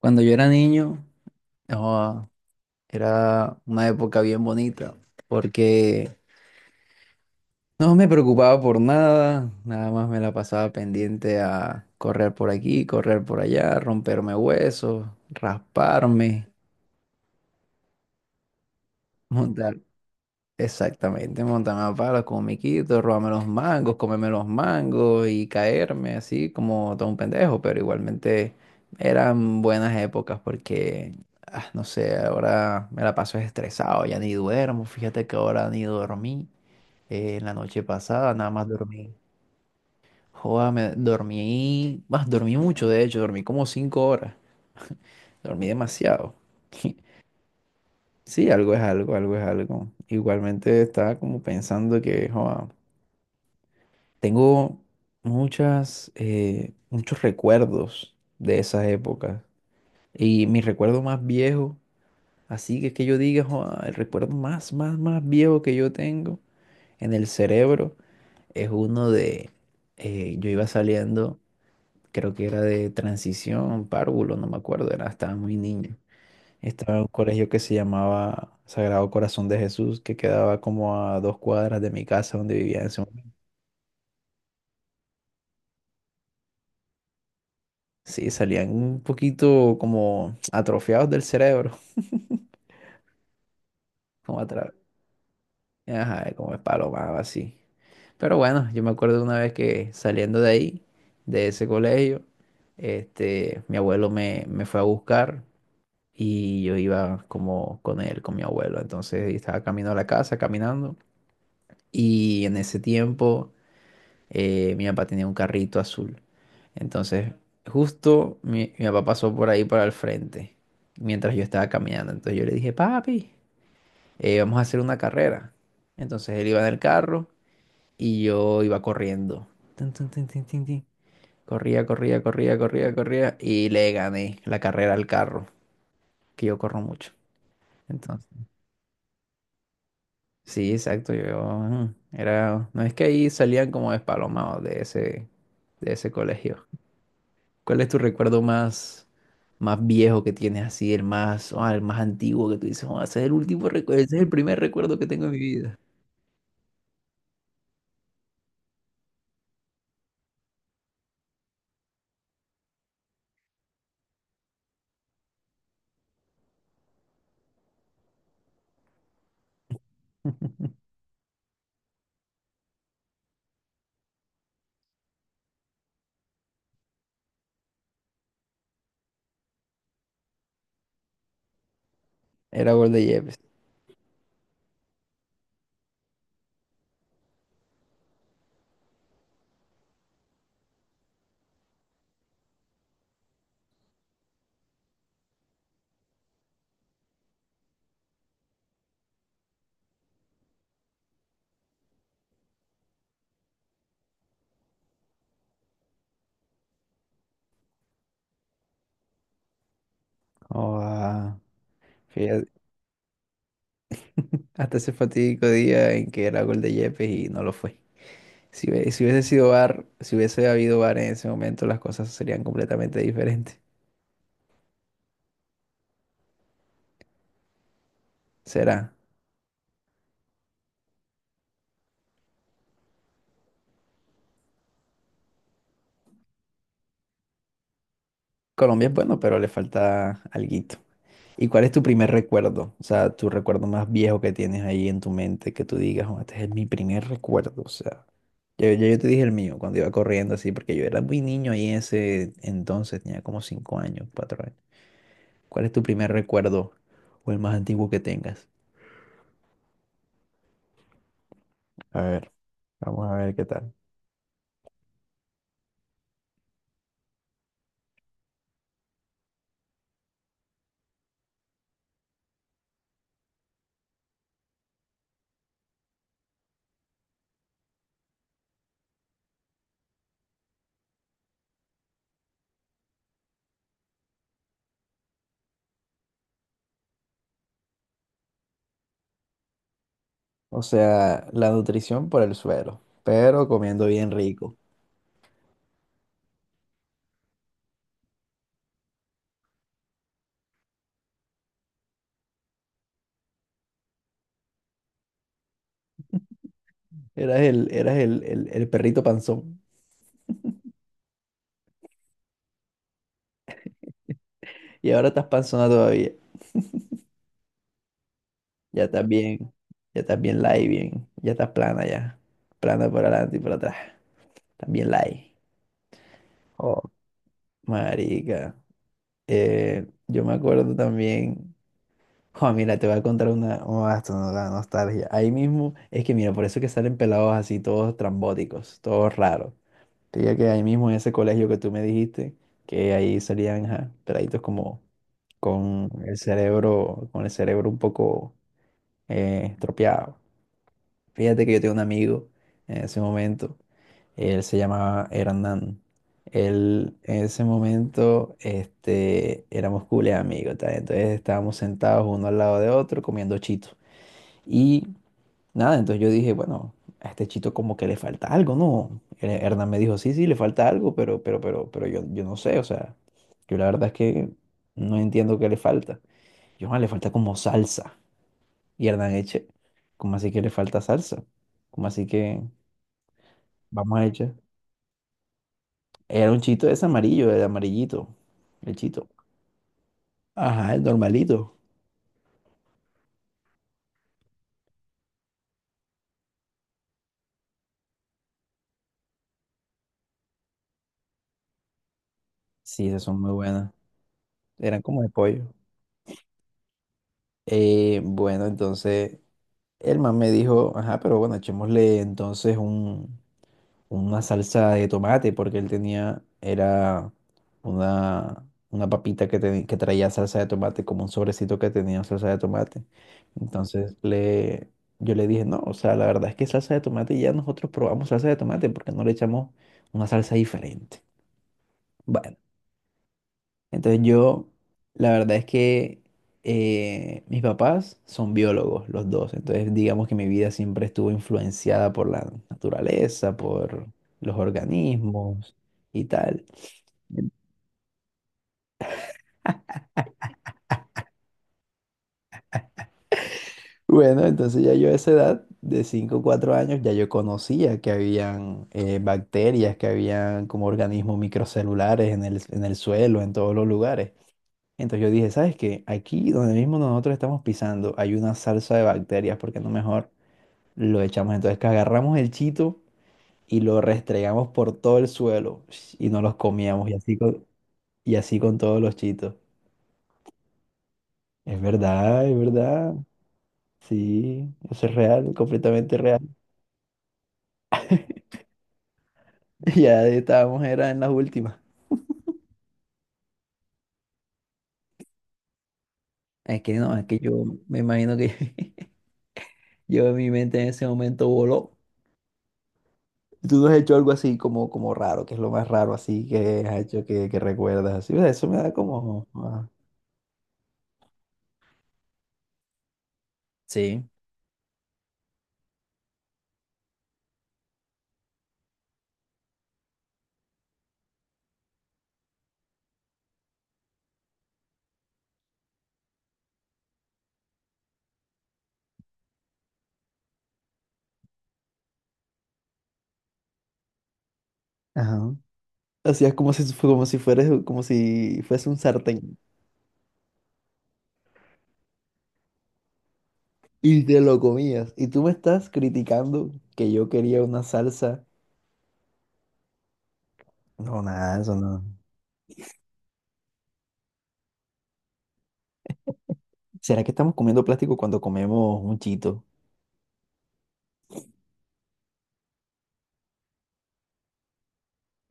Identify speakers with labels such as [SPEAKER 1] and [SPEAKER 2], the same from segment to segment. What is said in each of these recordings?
[SPEAKER 1] Cuando yo era niño, ah, era una época bien bonita, porque no me preocupaba por nada, nada más me la pasaba pendiente a correr por aquí, correr por allá, romperme huesos, rasparme, montar exactamente, montarme a palo con miquito, robarme los mangos, comerme los mangos y caerme así como todo un pendejo, pero igualmente eran buenas épocas porque, no sé, ahora me la paso estresado, ya ni duermo, fíjate que ahora ni dormí, en la noche pasada nada más dormí, joda, me dormí, más dormí mucho de hecho, dormí como cinco horas, dormí demasiado. Sí, algo es algo, algo es algo. Igualmente estaba como pensando que, joda, tengo muchas, muchos recuerdos de esas épocas. Y mi recuerdo más viejo, así que es que yo diga, "Joa, el recuerdo más viejo que yo tengo en el cerebro es uno de, yo iba saliendo, creo que era de transición, párvulo, no me acuerdo, era, estaba muy niño. Estaba en un colegio que se llamaba Sagrado Corazón de Jesús, que quedaba como a dos cuadras de mi casa donde vivía en ese sí, salían un poquito como atrofiados del cerebro, como atra- ajá, como espalomados así. Pero bueno, yo me acuerdo de una vez que saliendo de ahí, de ese colegio, este, mi abuelo me fue a buscar y yo iba como con él, con mi abuelo. Entonces estaba camino a la casa, caminando. Y en ese tiempo mi papá tenía un carrito azul. Entonces, justo mi papá pasó por ahí para el frente mientras yo estaba caminando. Entonces yo le dije, papi, vamos a hacer una carrera. Entonces él iba en el carro y yo iba corriendo. Tun, tun, tun, tun, tun, tun. Corría, corría, corría, corría, corría y le gané la carrera al carro, que yo corro mucho. Entonces, sí, exacto, yo era, no es que ahí salían como despalomados de ese colegio. ¿Cuál es tu recuerdo más, más viejo que tienes así, el más, el más antiguo que tú dices, "Oh, ese es el último recuerdo, ese es el primer recuerdo que tengo en mi vida? Era gol de Yepes. Oh, ah, fíjate, hasta ese fatídico día en que era gol de Yepes y no lo fue. Si, si hubiese sido VAR, si hubiese habido VAR en ese momento, las cosas serían completamente diferentes. Será. Colombia es bueno, pero le falta alguito. ¿Y cuál es tu primer recuerdo? O sea, tu recuerdo más viejo que tienes ahí en tu mente, que tú digas, "Oh, este es mi primer recuerdo. O sea, yo te dije el mío cuando iba corriendo así, porque yo era muy niño ahí en ese entonces, tenía como cinco años, cuatro años. ¿Cuál es tu primer recuerdo o el más antiguo que tengas? A ver, vamos a ver qué tal. O sea, la nutrición por el suelo, pero comiendo bien rico. Eras el perrito panzón y ahora estás panzona. Ya estás bien, ya estás bien light, bien, ya estás plana ya, plana por adelante y por atrás, estás bien light. Oh, marica, yo me acuerdo también, oh, mira, te voy a contar una, oh, esto no da nostalgia, ahí mismo, es que mira, por eso que salen pelados así, todos trambóticos, todos raros. Te digo que ahí mismo en ese colegio que tú me dijiste, que ahí salían, ajá, peladitos como con el cerebro un poco estropeado. Fíjate que yo tengo un amigo en ese momento, él se llamaba Hernán. Él en ese momento este, éramos cool amigos, tal. Entonces estábamos sentados uno al lado de otro comiendo chito. Y nada, entonces yo dije, bueno, a este chito como que le falta algo, ¿no? Hernán me dijo, sí, sí, le falta algo, pero yo no sé, o sea, yo la verdad es que no entiendo qué le falta. Yo, "Ah, le falta como salsa. Y Hernán eche, ¿cómo así que le falta salsa? ¿Cómo así que? Vamos a echar. Era un chito ese amarillo, el amarillito. El chito. Ajá, el normalito. Sí, esas son muy buenas. Eran como de pollo. Bueno, entonces el man me dijo, ajá, pero bueno, echémosle entonces un, una salsa de tomate, porque él tenía, era una papita que, que traía salsa de tomate, como un sobrecito que tenía salsa de tomate. Entonces le, yo le dije, no, o sea, la verdad es que salsa de tomate ya nosotros probamos salsa de tomate, porque no le echamos una salsa diferente. Bueno, entonces yo, la verdad es que mis papás son biólogos, los dos. Entonces digamos que mi vida siempre estuvo influenciada por la naturaleza, por los organismos y tal. Bueno, entonces ya yo a esa edad de cinco o cuatro años ya yo conocía que habían bacterias, que habían como organismos microcelulares en el suelo, en todos los lugares. Entonces yo dije, ¿sabes qué? Aquí donde mismo nosotros estamos pisando hay una salsa de bacterias, porque no mejor lo echamos, entonces que agarramos el chito y lo restregamos por todo el suelo sh, y nos los comíamos y así con todos los chitos. Es verdad, es verdad. Sí, eso es real, completamente real. Ya estábamos, era en las últimas. Es que no, es que yo me imagino que yo en mi mente en ese momento voló. Tú no has hecho algo así como, como raro, que es lo más raro así que has hecho que recuerdas así. O sea, eso me da como... ah, sí. Ajá. Hacías como si, como si fueras, como si fuese un sartén y te lo comías. Y tú me estás criticando que yo quería una salsa. No, nada, eso no. ¿Será que estamos comiendo plástico cuando comemos un chito?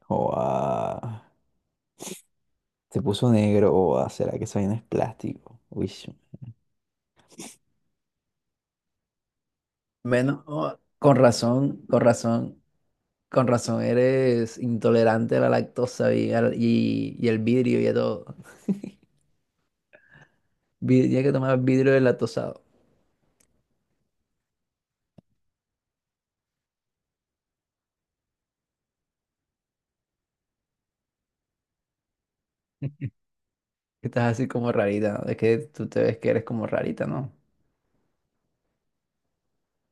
[SPEAKER 1] O ah, se puso negro. O ah, ¿será que eso vaina es plástico? Uy, bueno, oh, con razón, con razón, con razón eres intolerante a la lactosa y el vidrio y a todo. Tienes que tomar vidrio deslactosado. Que estás así como rarita, ¿no? Es que tú te ves que eres como rarita, ¿no?